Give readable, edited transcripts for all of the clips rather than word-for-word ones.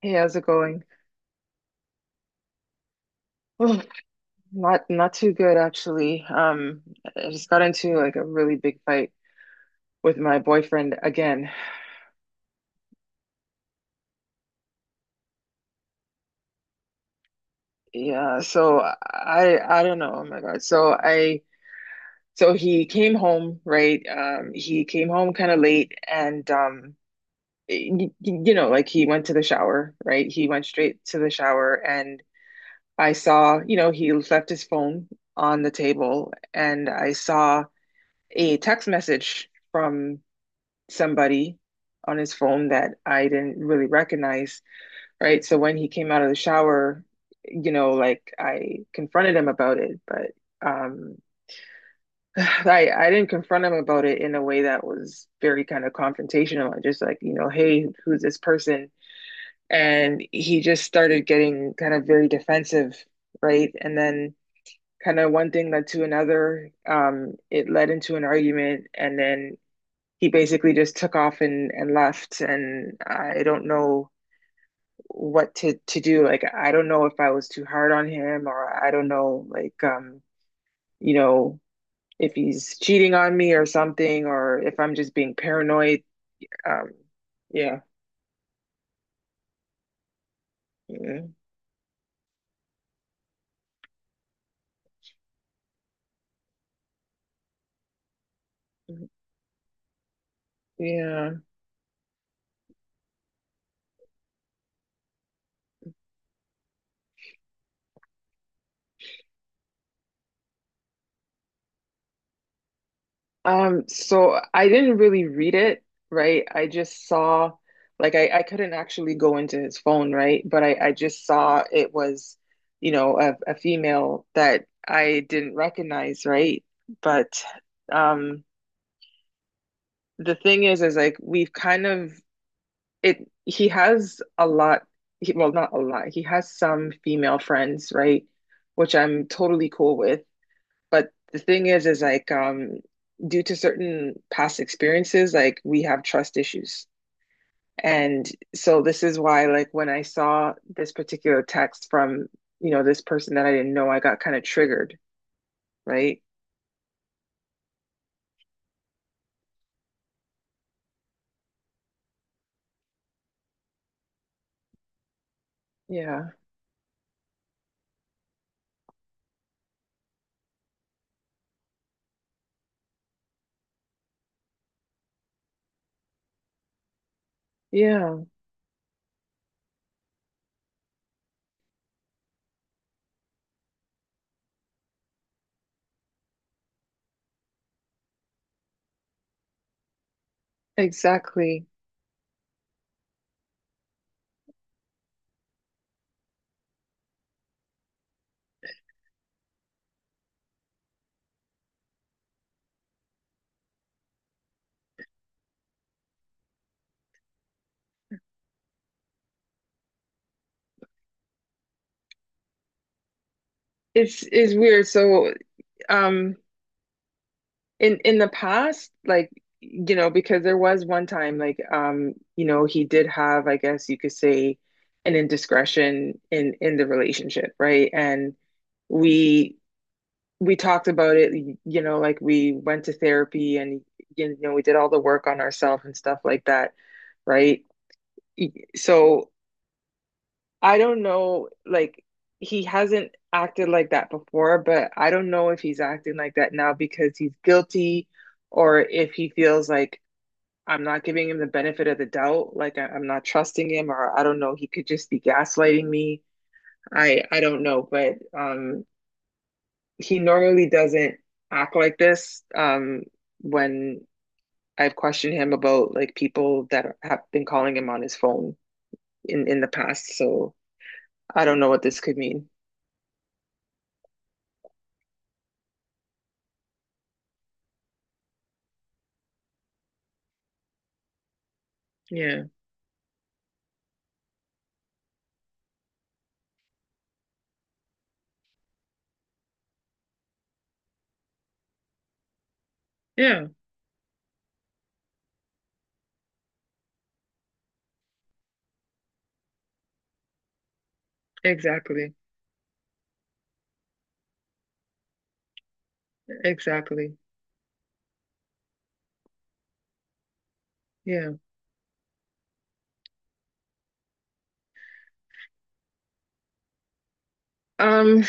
Hey, how's it going? Oh, not too good actually. I just got into like a really big fight with my boyfriend again. Yeah, so I don't know. Oh my God. So I, so he came home, right? He came home kind of late and you know, like he went to the shower, right? He went straight to the shower and I saw, you know, he left his phone on the table and I saw a text message from somebody on his phone that I didn't really recognize, right? So when he came out of the shower, you know, like I confronted him about it, but um I didn't confront him about it in a way that was very kind of confrontational. I just like, you know, hey, who's this person? And he just started getting kind of very defensive, right? And then kind of one thing led to another. It led into an argument, and then he basically just took off and, left and I don't know what to do. Like I don't know if I was too hard on him, or I don't know, like you know, if he's cheating on me or something, or if I'm just being paranoid. Um, yeah. Yeah. Yeah. So I didn't really read it, right? I just saw, like, I couldn't actually go into his phone, right? But I just saw it was, you know, a female that I didn't recognize, right? But um, the thing is like we've kind of, it. He has a lot. He, well, not a lot. He has some female friends, right? Which I'm totally cool with. But the thing is like, due to certain past experiences, like we have trust issues. And so this is why, like when I saw this particular text from, you know, this person that I didn't know, I got kind of triggered, right? Yeah. Yeah, exactly. It's weird. So um in the past, like, you know, because there was one time, like, you know, he did have, I guess you could say, an indiscretion in the relationship, right? And we we talked about it, you know, like we went to therapy, and you know, we did all the work on ourselves and stuff like that, right? So I don't know, like he hasn't acted like that before, but I don't know if he's acting like that now because he's guilty, or if he feels like I'm not giving him the benefit of the doubt, like I'm not trusting him, or I don't know, he could just be gaslighting me. I don't know, but he normally doesn't act like this, when I've questioned him about like people that have been calling him on his phone in the past, so I don't know what this could mean. Yeah. Yeah. Exactly. Exactly. Yeah. Um,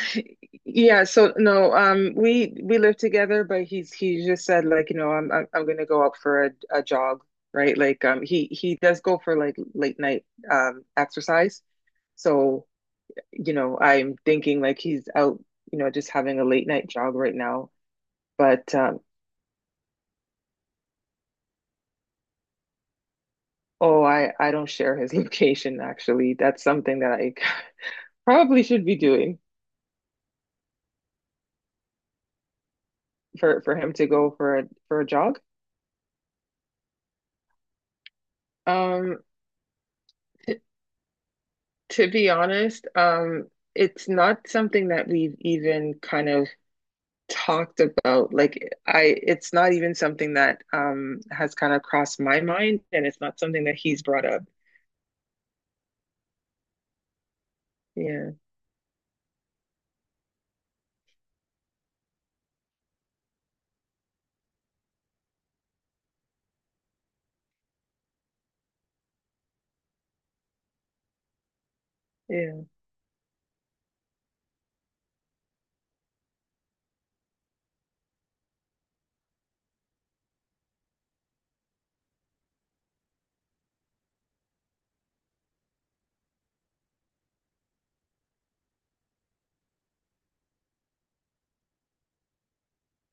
yeah, so no, we live together, but he just said like, you know, I'm gonna go out for a jog, right? Like he does go for like late night exercise. So, you know, I'm thinking like he's out, you know, just having a late night jog right now. But oh, I don't share his location actually. That's something that I probably should be doing for him to go for a, for a jog. Um To be honest, it's not something that we've even kind of talked about. Like I, it's not even something that has kind of crossed my mind, and it's not something that he's brought up. Yeah, yeah,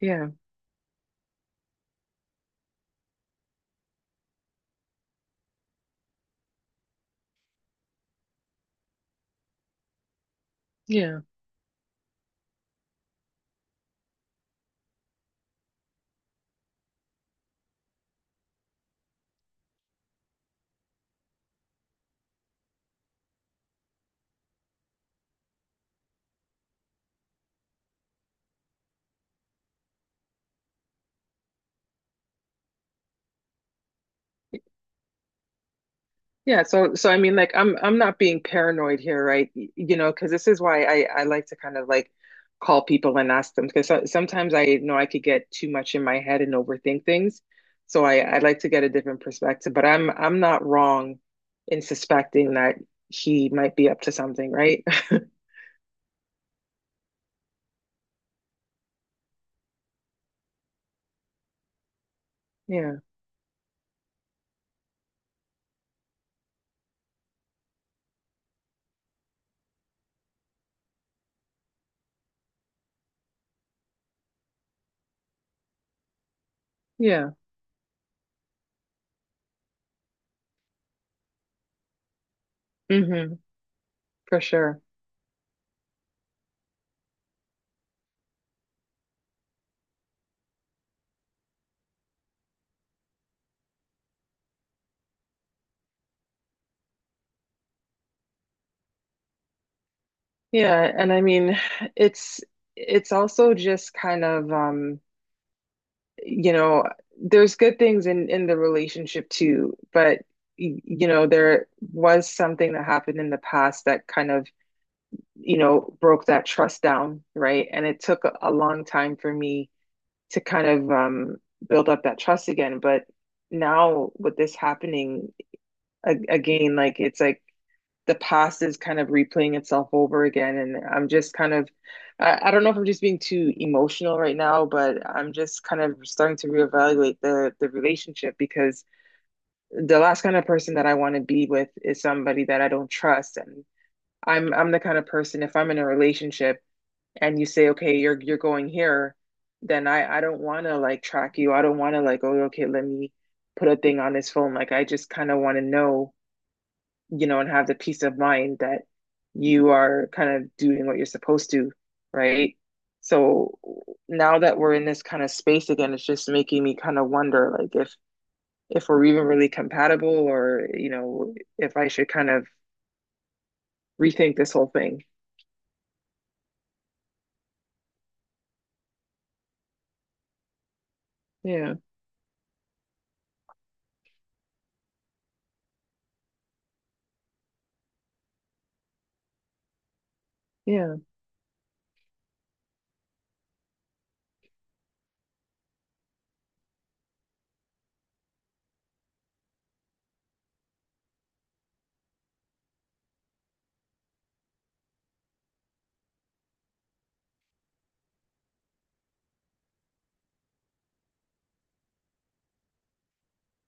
yeah, yeah. Yeah, so so I mean, like I'm not being paranoid here, right? You know, because this is why I like to kind of like call people and ask them, because so, sometimes I know I could get too much in my head and overthink things. So I like to get a different perspective, but I'm not wrong in suspecting that he might be up to something, right? Yeah. Yeah. Hmm. For sure. Yeah, and I mean it's it's also just kind of you know, there's good things in the relationship too, but you know, there was something that happened in the past that kind of, you know, broke that trust down, right? And it took a long time for me to kind of build up that trust again, but now with this happening again, like it's like the past is kind of replaying itself over again. And I'm just kind of, I don't know if I'm just being too emotional right now, but I'm just kind of starting to reevaluate the relationship, because the last kind of person that I want to be with is somebody that I don't trust. And I'm the kind of person, if I'm in a relationship and you say, okay, you're going here, then I don't want to like track you. I don't want to like, oh, okay, let me put a thing on his phone. Like I just kind of want to know, you know, and have the peace of mind that you are kind of doing what you're supposed to, right? So now that we're in this kind of space again, it's just making me kind of wonder like if we're even really compatible, or, you know, if I should kind of rethink this whole thing. Yeah. Yeah.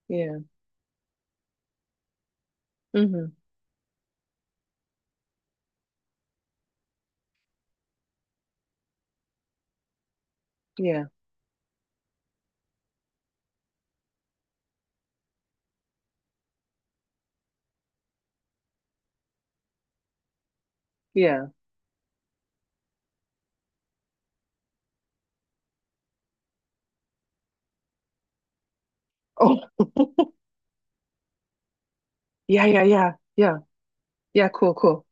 Yeah. Hmm. Yeah. Yeah. Oh. Yeah, yeah, yeah. Yeah. Yeah, cool, cool.